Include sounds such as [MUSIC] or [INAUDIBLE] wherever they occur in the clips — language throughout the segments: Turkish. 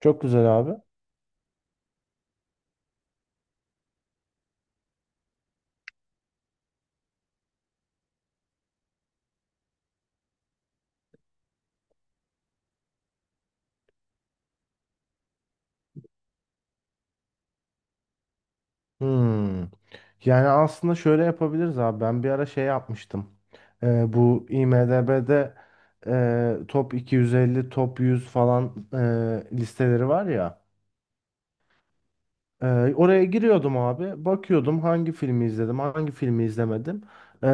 Çok güzel abi. Hmm. Yani aslında şöyle yapabiliriz abi. Ben bir ara şey yapmıştım. Bu IMDb'de top 250, top 100 falan listeleri var ya. E, Oraya giriyordum abi. Bakıyordum hangi filmi izledim, hangi filmi izlemedim. E,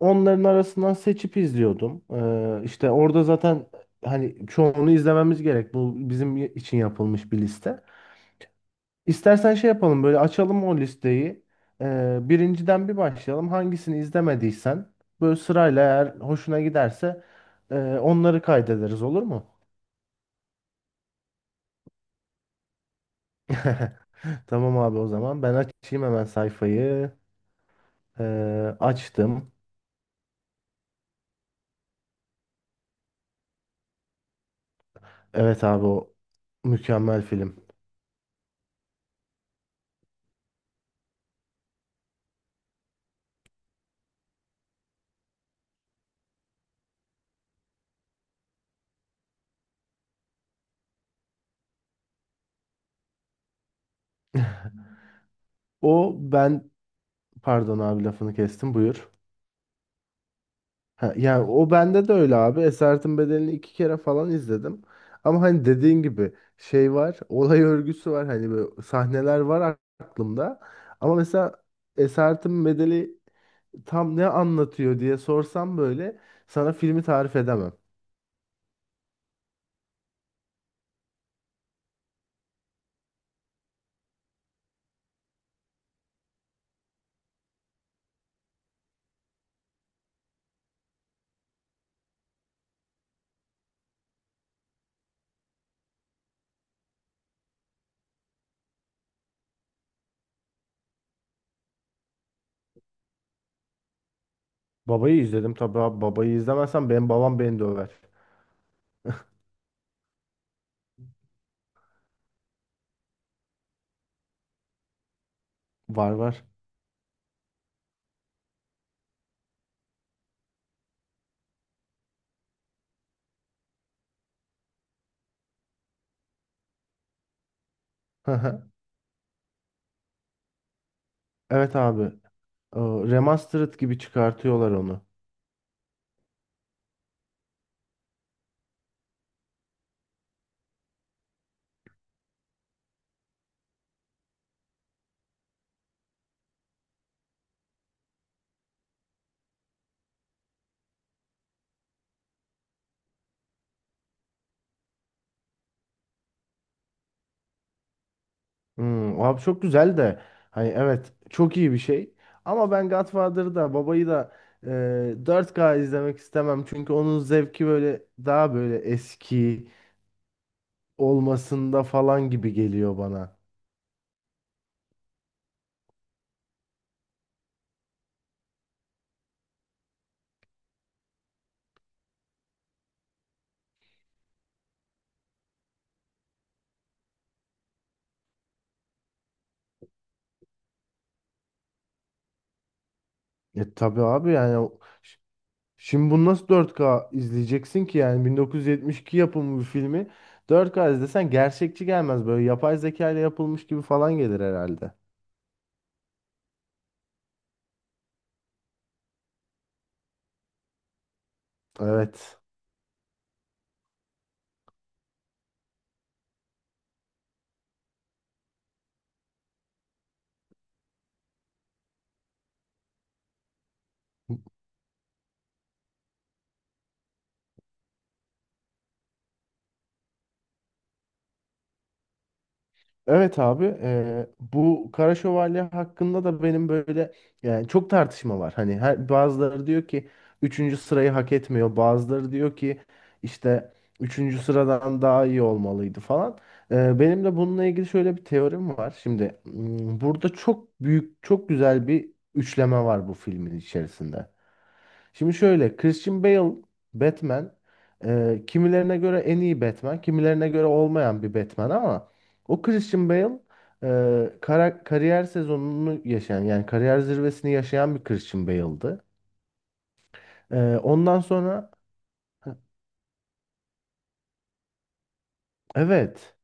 Onların arasından seçip izliyordum. İşte orada zaten hani çoğunu izlememiz gerek. Bu bizim için yapılmış bir liste. İstersen şey yapalım, böyle açalım o listeyi. Birinciden bir başlayalım. Hangisini izlemediysen böyle sırayla, eğer hoşuna giderse onları kaydederiz, olur mu? [LAUGHS] Tamam abi, o zaman ben açayım hemen sayfayı. Açtım. Evet abi, o mükemmel film. O ben Pardon abi, lafını kestim, buyur. Ha, yani o bende de öyle abi. Esaretin Bedeli'ni iki kere falan izledim. Ama hani dediğin gibi şey var, olay örgüsü var. Hani böyle sahneler var aklımda. Ama mesela Esaretin Bedeli tam ne anlatıyor diye sorsam, böyle sana filmi tarif edemem. Babayı izledim tabii abi. Babayı izlemezsem benim babam beni döver. Var var. [LAUGHS] Evet abi. Remastered gibi çıkartıyorlar onu. Abi çok güzel de, hani evet, çok iyi bir şey, ama ben Godfather'ı da babayı da 4K izlemek istemem, çünkü onun zevki böyle daha böyle eski olmasında falan gibi geliyor bana. E tabii abi, yani şimdi bunu nasıl 4K izleyeceksin ki? Yani 1972 yapımı bir filmi 4K izlesen gerçekçi gelmez, böyle yapay zeka ile yapılmış gibi falan gelir herhalde. Evet. Evet abi, bu Kara Şövalye hakkında da benim böyle, yani çok tartışma var. Hani bazıları diyor ki üçüncü sırayı hak etmiyor. Bazıları diyor ki işte üçüncü sıradan daha iyi olmalıydı falan. Benim de bununla ilgili şöyle bir teorim var. Şimdi, burada çok büyük, çok güzel bir üçleme var bu filmin içerisinde. Şimdi şöyle, Christian Bale Batman, kimilerine göre en iyi Batman, kimilerine göre olmayan bir Batman, ama o Christian Bale kariyer sezonunu yaşayan, yani kariyer zirvesini yaşayan bir Christian Bale'dı. E, Ondan sonra evet,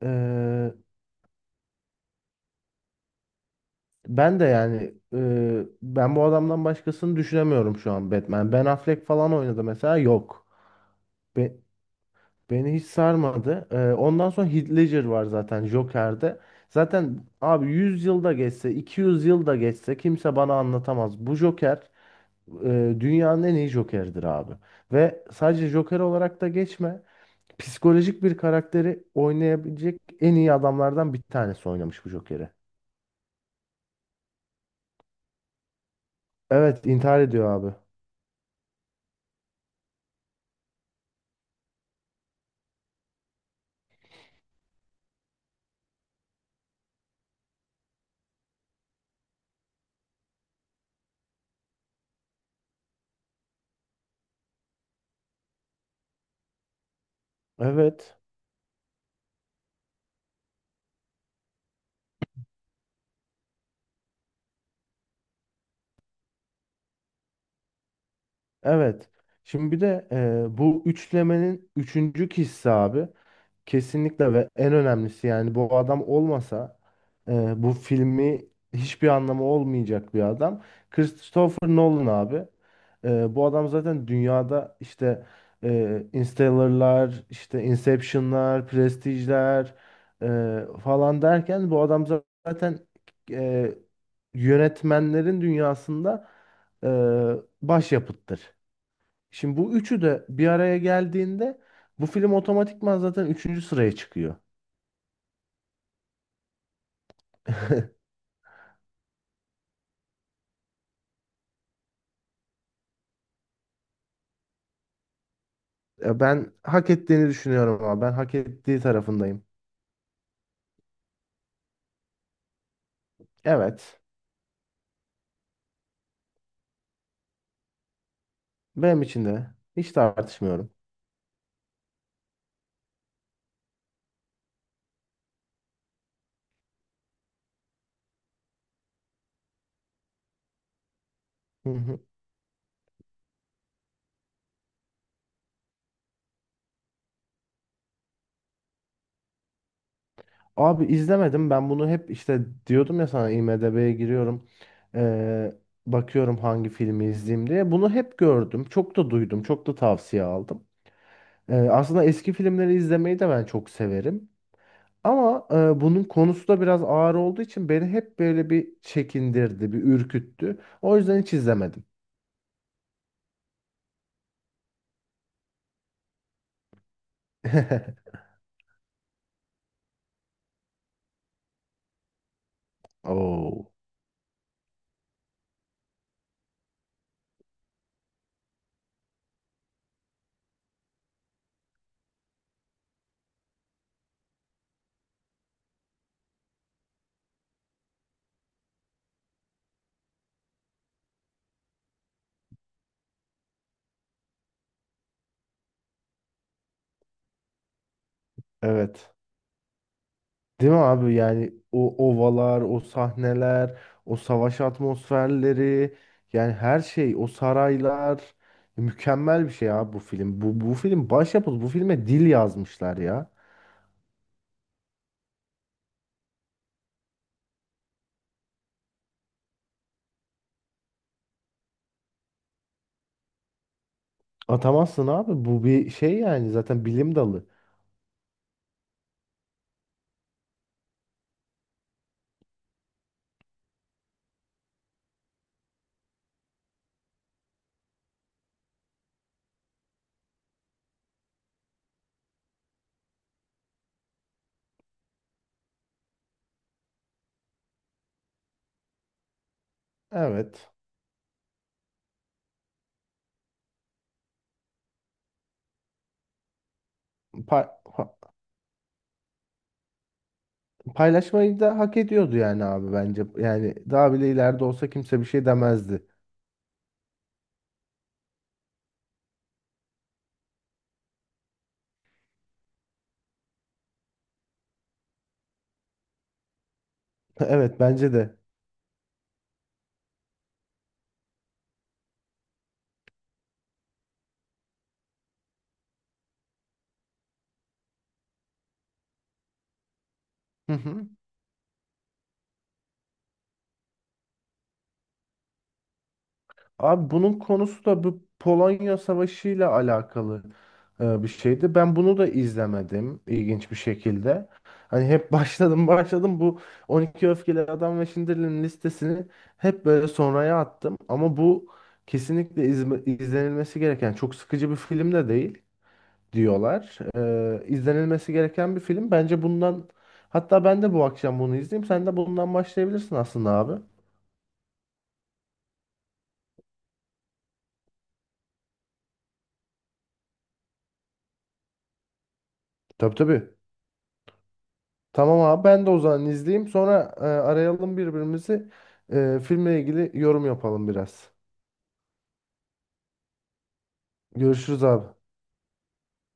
e, ben de yani, ben bu adamdan başkasını düşünemiyorum şu an Batman. Ben Affleck falan oynadı mesela, yok. Beni hiç sarmadı. Ondan sonra Heath Ledger var zaten Joker'de. Zaten abi, 100 yılda geçse, 200 yılda geçse kimse bana anlatamaz. Bu Joker dünyanın en iyi Joker'dir abi. Ve sadece Joker olarak da geçme. Psikolojik bir karakteri oynayabilecek en iyi adamlardan bir tanesi oynamış bu Joker'i. Evet, intihar ediyor abi. Evet, evet. Şimdi bir de bu üçlemenin üçüncü kişisi abi. Kesinlikle ve en önemlisi, yani bu adam olmasa bu filmi hiçbir anlamı olmayacak bir adam. Christopher Nolan abi. Bu adam zaten dünyada, işte Interstellar'lar, işte Inception'lar, Prestige'ler falan derken, bu adam zaten e, yönetmenlerin dünyasında e, başyapıttır. Şimdi bu üçü de bir araya geldiğinde bu film otomatikman zaten üçüncü sıraya çıkıyor. Ya ben hak ettiğini düşünüyorum, ama ben hak ettiği tarafındayım. Evet. Benim için de. Hiç tartışmıyorum. Hı hı. Abi izlemedim. Ben bunu hep işte diyordum ya, sana IMDb'ye giriyorum. Ee, Bakıyorum hangi filmi izleyeyim diye. Bunu hep gördüm. Çok da duydum. Çok da tavsiye aldım. Aslında eski filmleri izlemeyi de ben çok severim. Ama bunun konusu da biraz ağır olduğu için beni hep böyle bir çekindirdi, bir ürküttü. O yüzden hiç izlemedim. [LAUGHS] Oo, evet. Değil mi abi? Yani o ovalar, o sahneler, o savaş atmosferleri, yani her şey, o saraylar, mükemmel bir şey abi bu film. Bu film başyapıt. Bu filme dil yazmışlar ya. Atamazsın abi. Bu bir şey, yani zaten bilim dalı. Evet. Pa- Paylaşmayı da hak ediyordu yani abi, bence. Yani daha bile ileride olsa kimse bir şey demezdi. [LAUGHS] Evet, bence de. Hı hı. Abi bunun konusu da bu Polonya Savaşı ile alakalı bir şeydi. Ben bunu da izlemedim, ilginç bir şekilde. Hani hep [LAUGHS] başladım başladım, bu 12 Öfkeli Adam ve Schindler'in listesini hep böyle sonraya attım. Ama bu kesinlikle izlenilmesi gereken, çok sıkıcı bir film de değil, diyorlar. İzlenilmesi gereken bir film. Bence bundan, hatta ben de bu akşam bunu izleyeyim. Sen de bundan başlayabilirsin aslında abi. Tabii tabii. Tamam abi, ben de o zaman izleyeyim. Sonra arayalım birbirimizi. Filmle ilgili yorum yapalım biraz. Görüşürüz abi.